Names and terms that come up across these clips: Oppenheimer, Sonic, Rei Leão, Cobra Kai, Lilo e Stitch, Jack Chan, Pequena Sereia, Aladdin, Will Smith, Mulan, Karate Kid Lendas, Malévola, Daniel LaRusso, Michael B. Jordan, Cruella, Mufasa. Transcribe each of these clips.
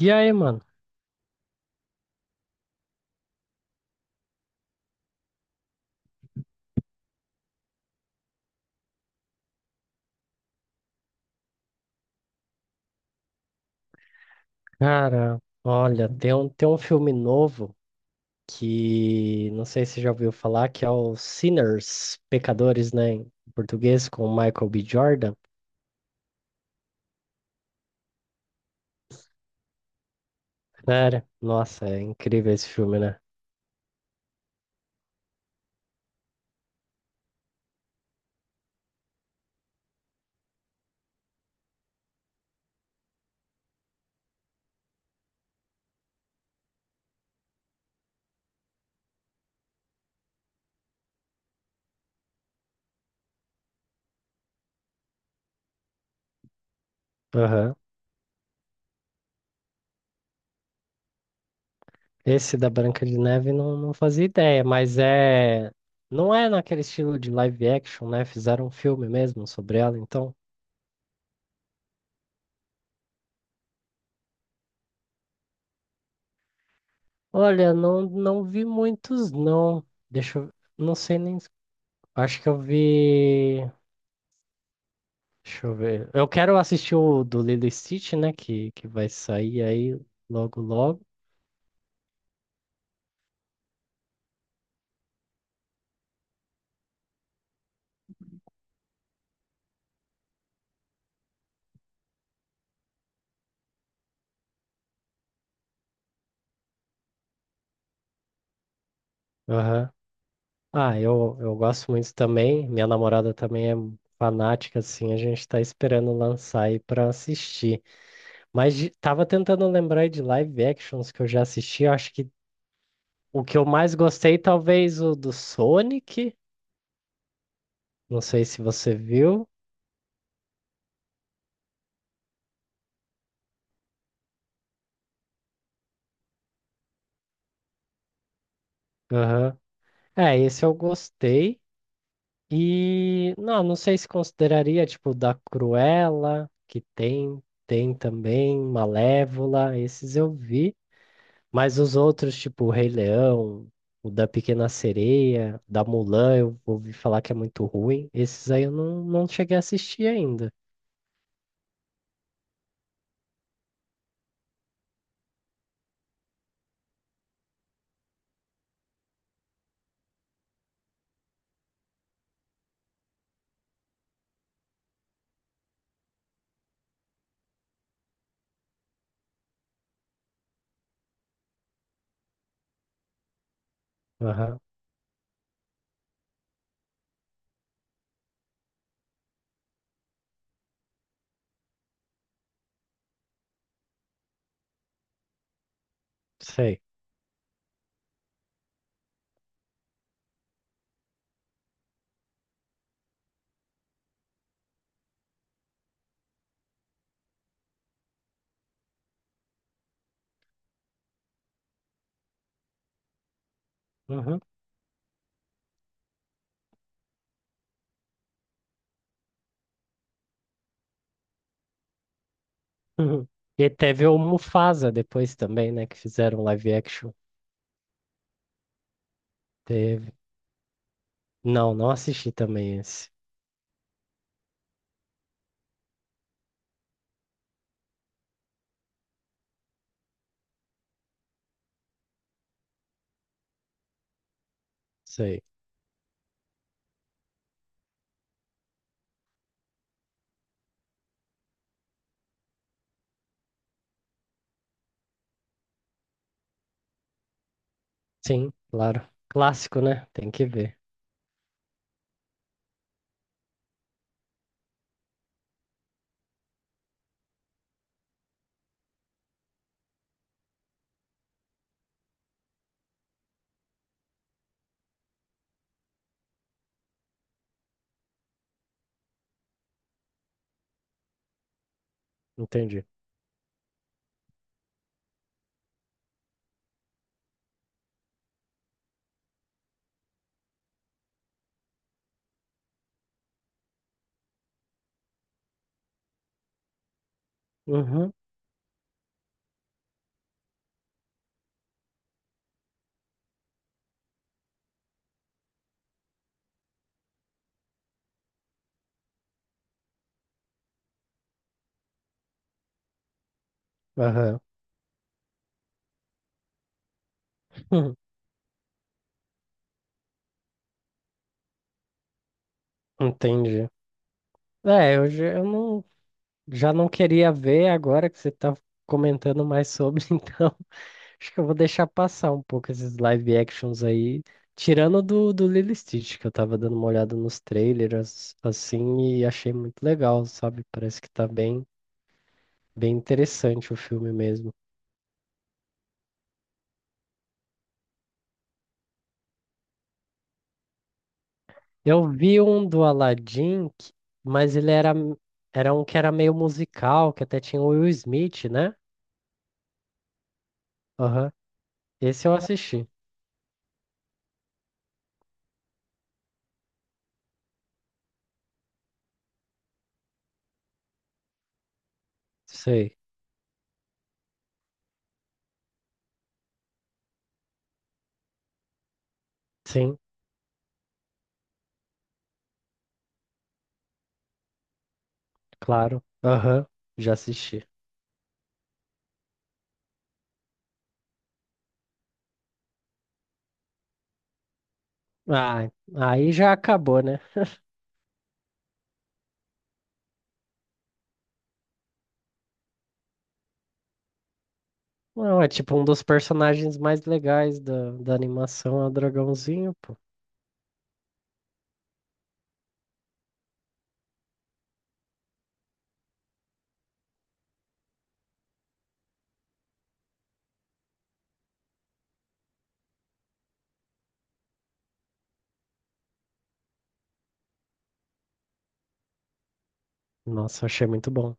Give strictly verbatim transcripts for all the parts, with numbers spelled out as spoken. E aí, mano? Cara, olha, tem um, tem um filme novo que não sei se já ouviu falar, que é o Sinners, Pecadores, né? Em português, com o Michael B. Jordan. Cara, nossa, é incrível esse filme, né? Aham. Esse da Branca de Neve não, não fazia ideia, mas é. Não é naquele estilo de live action, né? Fizeram um filme mesmo sobre ela, então. Olha, não, não vi muitos, não. Deixa eu. Não sei nem. Acho que eu vi. Deixa eu ver. Eu quero assistir o do Lilo e Stitch, né? Que, que vai sair aí logo, logo. Aham. Ah, eu, eu gosto muito também. Minha namorada também é fanática, assim. A gente tá esperando lançar aí pra assistir. Mas de- tava tentando lembrar aí de live actions que eu já assisti. Eu acho que o que eu mais gostei, talvez o do Sonic. Não sei se você viu. Aham. É, esse eu gostei. E não, não sei se consideraria tipo da Cruella, que tem, tem também Malévola, esses eu vi, mas os outros, tipo o Rei Leão, o da Pequena Sereia, da Mulan, eu ouvi falar que é muito ruim. Esses aí eu não, não cheguei a assistir ainda. Aham, sei. Uhum. E teve o Mufasa depois também, né, que fizeram live action. Teve. Não, não assisti também esse. Sei. Sim, claro. Clássico, né? Tem que ver. Entendi. Uhum, aham. Hum. Entendi. É, eu, já- eu não, já não queria ver agora que você tá comentando mais sobre. Então acho que eu vou deixar passar um pouco esses live actions aí, tirando do, do, Lilo e Stitch, que eu tava dando uma olhada nos trailers, assim, e achei muito legal, sabe? Parece que tá bem, bem interessante o filme mesmo. Eu vi um do Aladdin, que- mas ele era, era um que era meio musical, que até tinha o Will Smith, né? Aham. Esse eu assisti. Sei. Sim, claro. Aham, já assisti. Ah, aí já acabou, né? Não, é tipo um dos personagens mais legais da, da animação, é o dragãozinho, pô. Nossa, achei muito bom.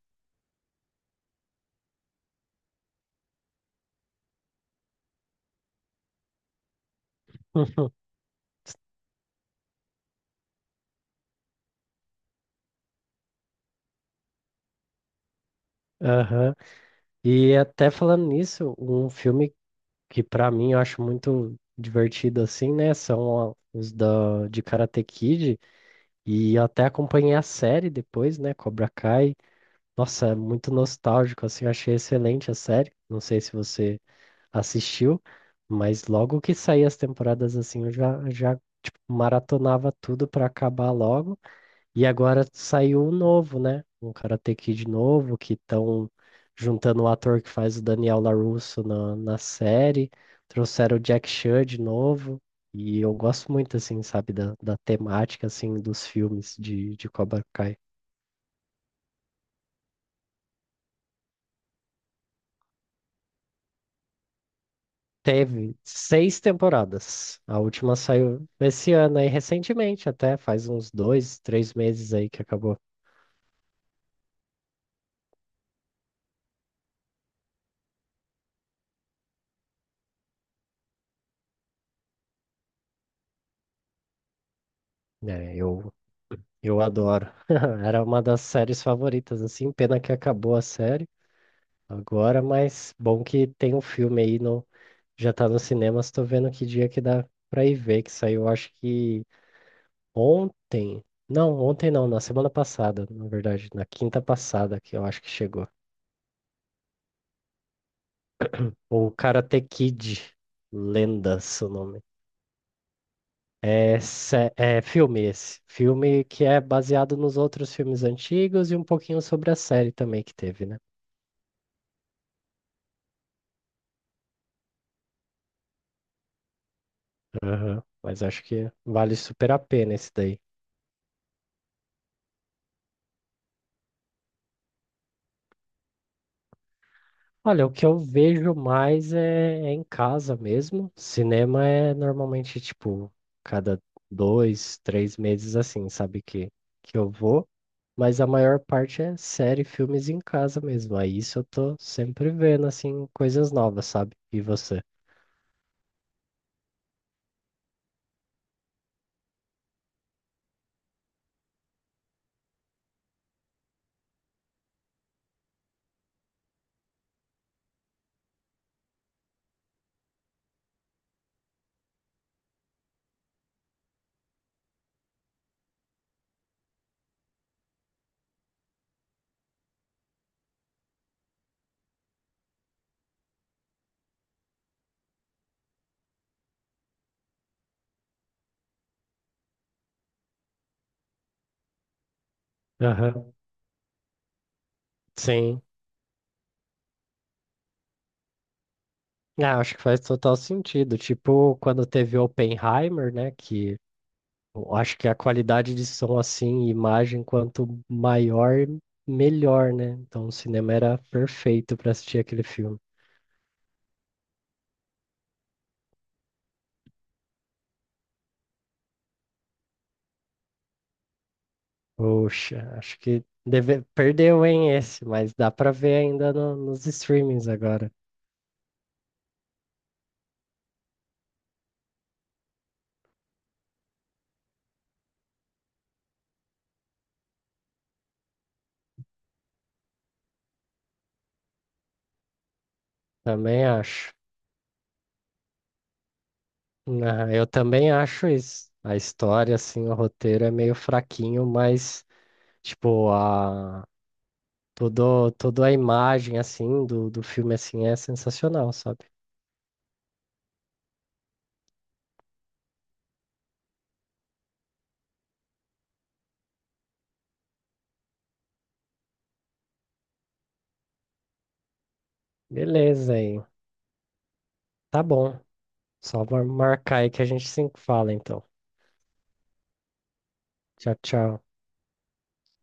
Aham. E até falando nisso, um filme que pra mim eu acho muito divertido assim, né? São a- os da, de Karate Kid. E eu até acompanhei a série depois, né? Cobra Kai. Nossa, é muito nostálgico, assim, eu achei excelente a série. Não sei se você assistiu, mas logo que saí as temporadas, assim, eu já, já tipo, maratonava tudo pra acabar logo. E agora saiu um novo, né? Um Karate Kid novo, que estão juntando o ator que faz o Daniel LaRusso na, na, série. Trouxeram o Jack Chan de novo. E eu gosto muito, assim, sabe, da, da, temática, assim, dos filmes de, de Cobra Kai. Teve seis temporadas. A última saiu esse ano aí, recentemente, até faz uns dois, três meses aí que acabou. É, eu, eu adoro. Era uma das séries favoritas, assim. Pena que acabou a série agora, mas bom que tem um filme aí no, já tá nos cinemas. Tô vendo que dia que dá pra ir ver, que saiu, acho que ontem. Não, ontem não, na semana passada, na verdade, na quinta passada que eu acho que chegou. O Karate Kid, Lendas, o nome. É, sé- é filme esse. Filme que é baseado nos outros filmes antigos e um pouquinho sobre a série também que teve, né? Aham. Mas acho que vale super a pena esse daí. Olha, o que eu vejo mais é, é em casa mesmo. Cinema é normalmente, tipo, cada dois, três meses assim, sabe que, que eu vou. Mas a maior parte é série, filmes em casa mesmo. Aí isso eu tô sempre vendo, assim, coisas novas, sabe? E você? Aham. Sim. É, acho que faz total sentido. Tipo, quando teve Oppenheimer, né? Que eu acho que a qualidade de som, assim, e imagem, quanto maior, melhor, né? Então o cinema era perfeito para assistir aquele filme. Poxa, acho que deve perdeu, hein, esse, mas dá para ver ainda no- nos streamings agora. Também acho. Ah, eu também acho isso. A história, assim, o roteiro é meio fraquinho, mas, tipo, a Todo, toda a imagem, assim, do, do, filme, assim, é sensacional, sabe? Beleza aí. Tá bom. Só vou marcar aí que a gente se fala, então. Tchau, tchau.